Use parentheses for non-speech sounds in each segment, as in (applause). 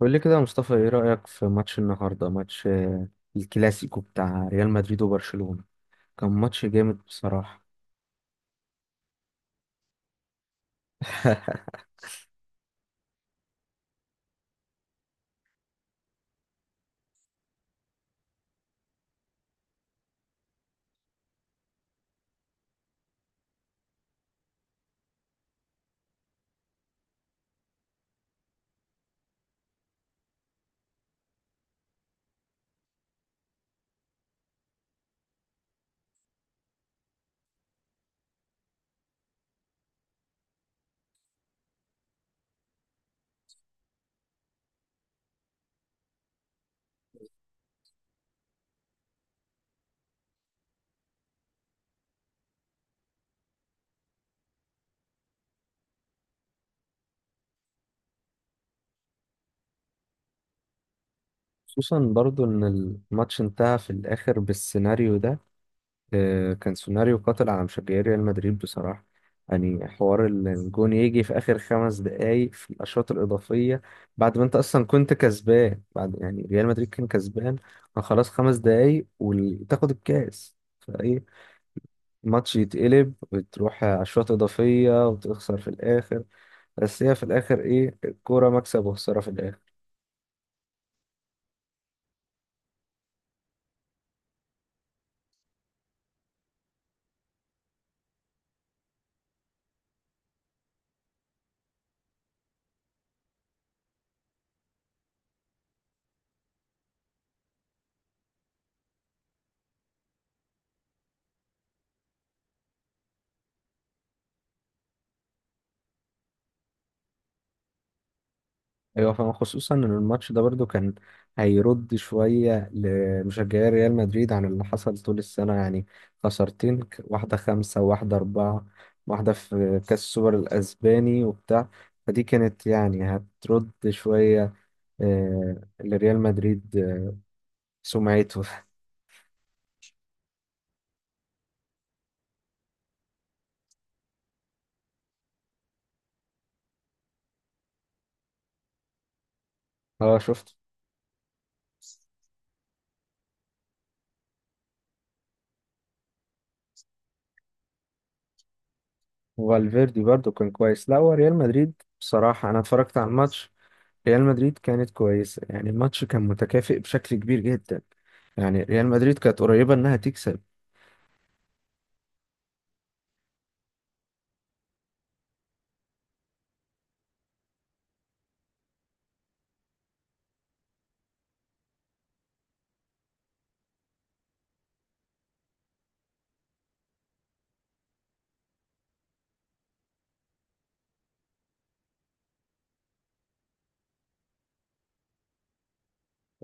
قول لي كده يا مصطفى، ايه رأيك في ماتش النهارده؟ ماتش آه، الكلاسيكو بتاع ريال مدريد وبرشلونة. كان ماتش جامد بصراحة. (laughs) خصوصا برضو ان الماتش انتهى في الاخر بالسيناريو ده. كان سيناريو قاتل على مشجعي ريال مدريد بصراحة. يعني حوار الجون يجي في اخر 5 دقايق في الاشواط الاضافية، بعد ما انت اصلا كنت كسبان، بعد يعني ريال مدريد كان كسبان. كان خلاص 5 دقايق وتاخد الكاس فايه، ماتش يتقلب وتروح عشوات إضافية وتخسر في الآخر. بس هي في الآخر إيه، الكورة مكسب وخسارة في الآخر. أيوة فاهم، خصوصا إن الماتش ده برضو كان هيرد شوية لمشجعي ريال مدريد عن اللي حصل طول السنة يعني. خسارتين واحدة خمسة وواحدة أربعة، واحدة في كأس السوبر الأسباني وبتاع. فدي كانت يعني هترد شوية لريال مدريد. سمعته. (laughs) اه، شفت. وفالفيردي برضو كان كويس، لا هو ريال مدريد بصراحة، أنا اتفرجت على الماتش. ريال مدريد كانت كويسة، يعني الماتش كان متكافئ بشكل كبير جدا، يعني ريال مدريد كانت قريبة إنها تكسب.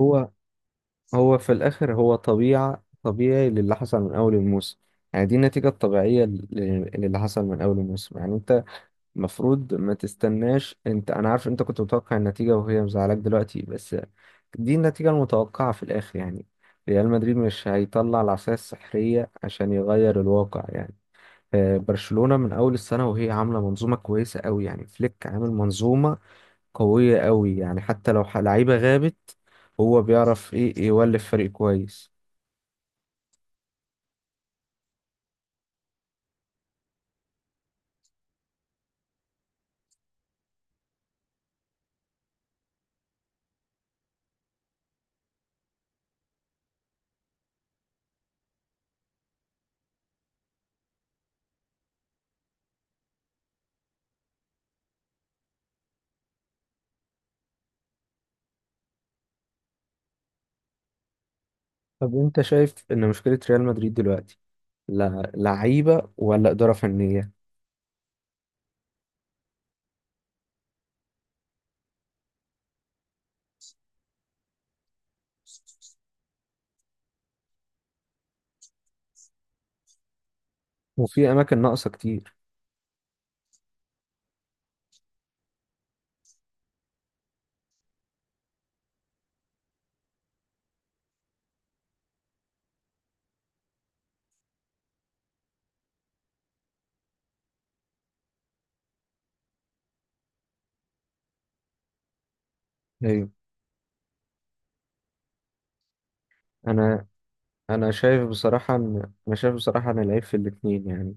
هو هو في الآخر، هو طبيعي للي حصل من أول الموسم يعني. دي النتيجة الطبيعية للي حصل من أول الموسم يعني. أنت المفروض ما تستناش، انت انا عارف انت كنت متوقع النتيجة وهي مزعلاك دلوقتي، بس دي النتيجة المتوقعة في الاخر يعني. ريال مدريد مش هيطلع العصاية السحرية عشان يغير الواقع يعني. برشلونة من أول السنة وهي عاملة منظومة كويسة قوي، يعني فليك عامل منظومة قوية قوي. يعني حتى لو لعيبة غابت، هو بيعرف إيه، يولف فريق كويس. طب أنت شايف إن مشكلة ريال مدريد دلوقتي لا لعيبة ولا إدارة فنية؟ وفي أماكن ناقصة كتير. انا انا شايف بصراحه ان العيب في الاثنين يعني.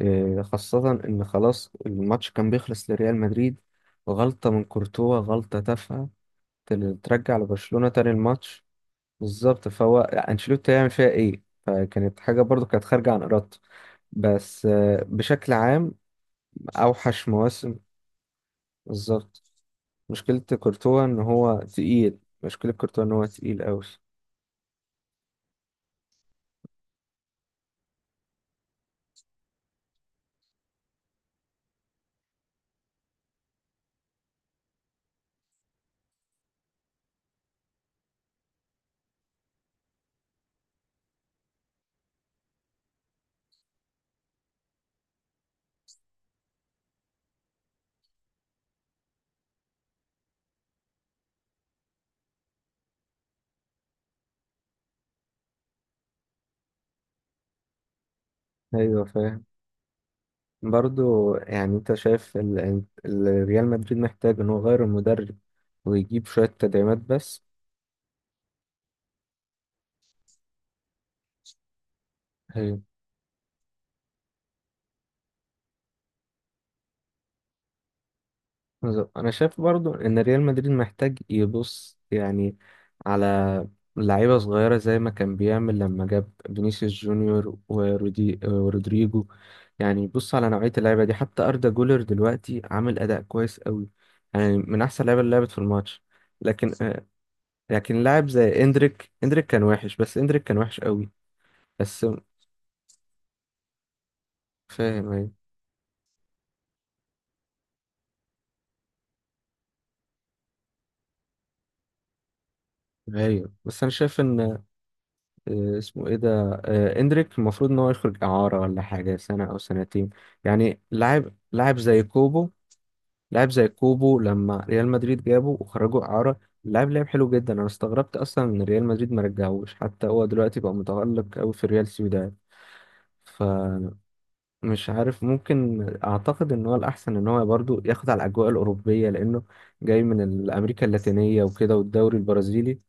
إيه، خاصه ان خلاص الماتش كان بيخلص لريال مدريد، غلطه من كورتوا، غلطه تافهه، ترجع لبرشلونه تاني الماتش. بالظبط، فهو انشيلوتي هيعمل فيها ايه؟ فكانت حاجه برضو كانت خارجه عن ارادته. بس بشكل عام اوحش مواسم. بالظبط. مشكله كورتوا ان هو تقيل قوي. ايوه فاهم. برضو يعني انت شايف ريال مدريد محتاج ان هو يغير المدرب ويجيب شوية تدعيمات بس؟ هي- انا شايف برضو ان ريال مدريد محتاج يبص يعني على لعيبة صغيرة زي ما كان بيعمل لما جاب فينيسيوس جونيور ورودي ورودريجو. يعني يبص على نوعية اللعيبة دي، حتى أردا جولر دلوقتي عامل أداء كويس قوي، يعني من أحسن اللعيبة اللي لعبت في الماتش. لكن آه، لكن لاعب زي اندريك، اندريك كان وحش، بس اندريك كان وحش قوي. بس فاهم، ايوه. ايوه بس انا شايف ان اسمه ايه ده، اندريك المفروض ان هو يخرج اعاره ولا حاجه، سنه او سنتين. يعني لاعب زي كوبو لما ريال مدريد جابه وخرجوا اعاره، اللاعب لعب حلو جدا. انا استغربت اصلا ان ريال مدريد ما رجعوش، حتى هو دلوقتي بقى متألق قوي في ريال سوسيداد. فمش عارف، ممكن اعتقد ان هو الاحسن ان هو برضو ياخد على الاجواء الاوروبيه، لانه جاي من الامريكا اللاتينيه وكده والدوري البرازيلي.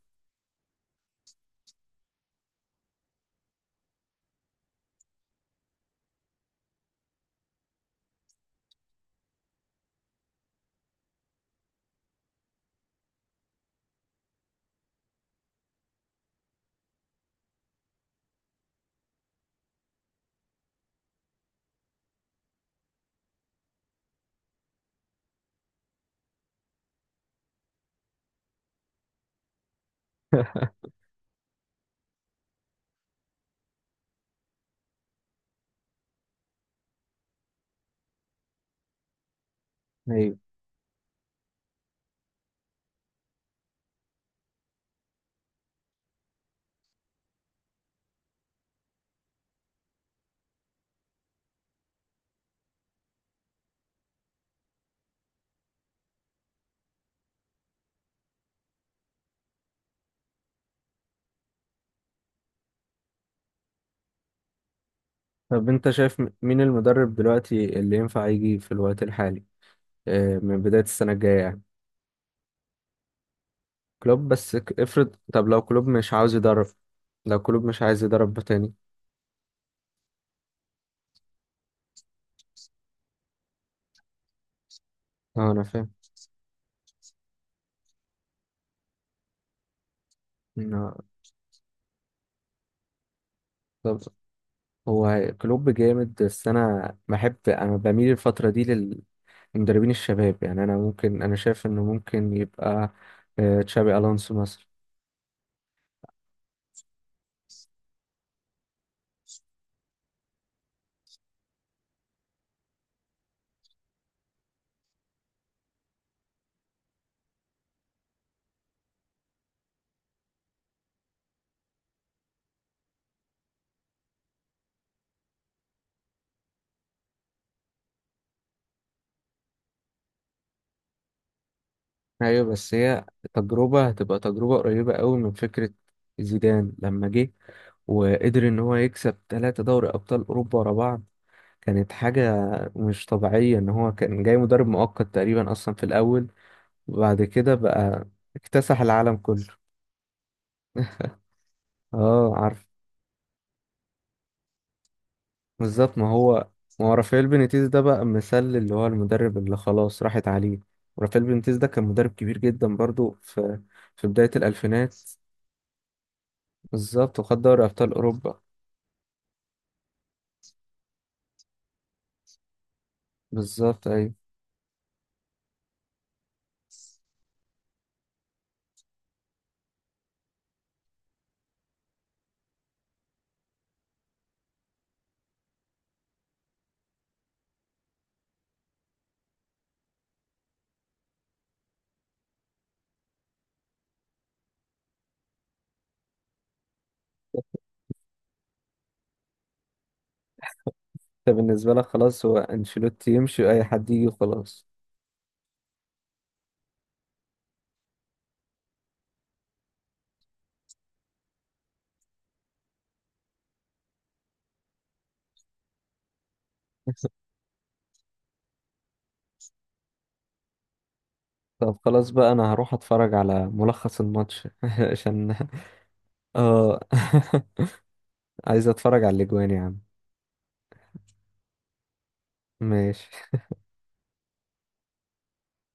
طب انت شايف مين المدرب دلوقتي اللي ينفع يجي في الوقت الحالي، من بداية السنة الجاية يعني؟ كلوب. بس افرض، طب لو كلوب مش عاوز يدرب، لو كلوب مش عايز يدرب تاني؟ اه انا فاهم. آه، طب هو كلوب جامد، بس انا بميل الفترة دي للمدربين الشباب. يعني انا شايف انه ممكن يبقى تشابي الونسو مثلا. ايوه بس هي تجربة، هتبقى تجربة قريبة قوي من فكرة زيدان لما جه، وقدر ان هو يكسب 3 دوري ابطال اوروبا ورا بعض. كانت حاجة مش طبيعية، ان هو كان جاي مدرب مؤقت تقريبا اصلا في الاول، وبعد كده بقى اكتسح العالم كله. اه عارف. بالظبط. ما هو رافائيل بينيتيز ده بقى مثال، اللي هو المدرب اللي خلاص راحت عليه. رافائيل بينيتيز ده كان مدرب كبير جدا برضو في في بداية الالفينات. بالظبط، وخد دوري ابطال اوروبا. بالظبط، ايوه. انت بالنسبه لك خلاص هو انشيلوتي يمشي اي حد يجي وخلاص؟ طب خلاص بقى، انا هروح اتفرج على ملخص الماتش (laughs) عشان. اه. (laughs) عايز اتفرج على الاجوان يا عم. ماشي.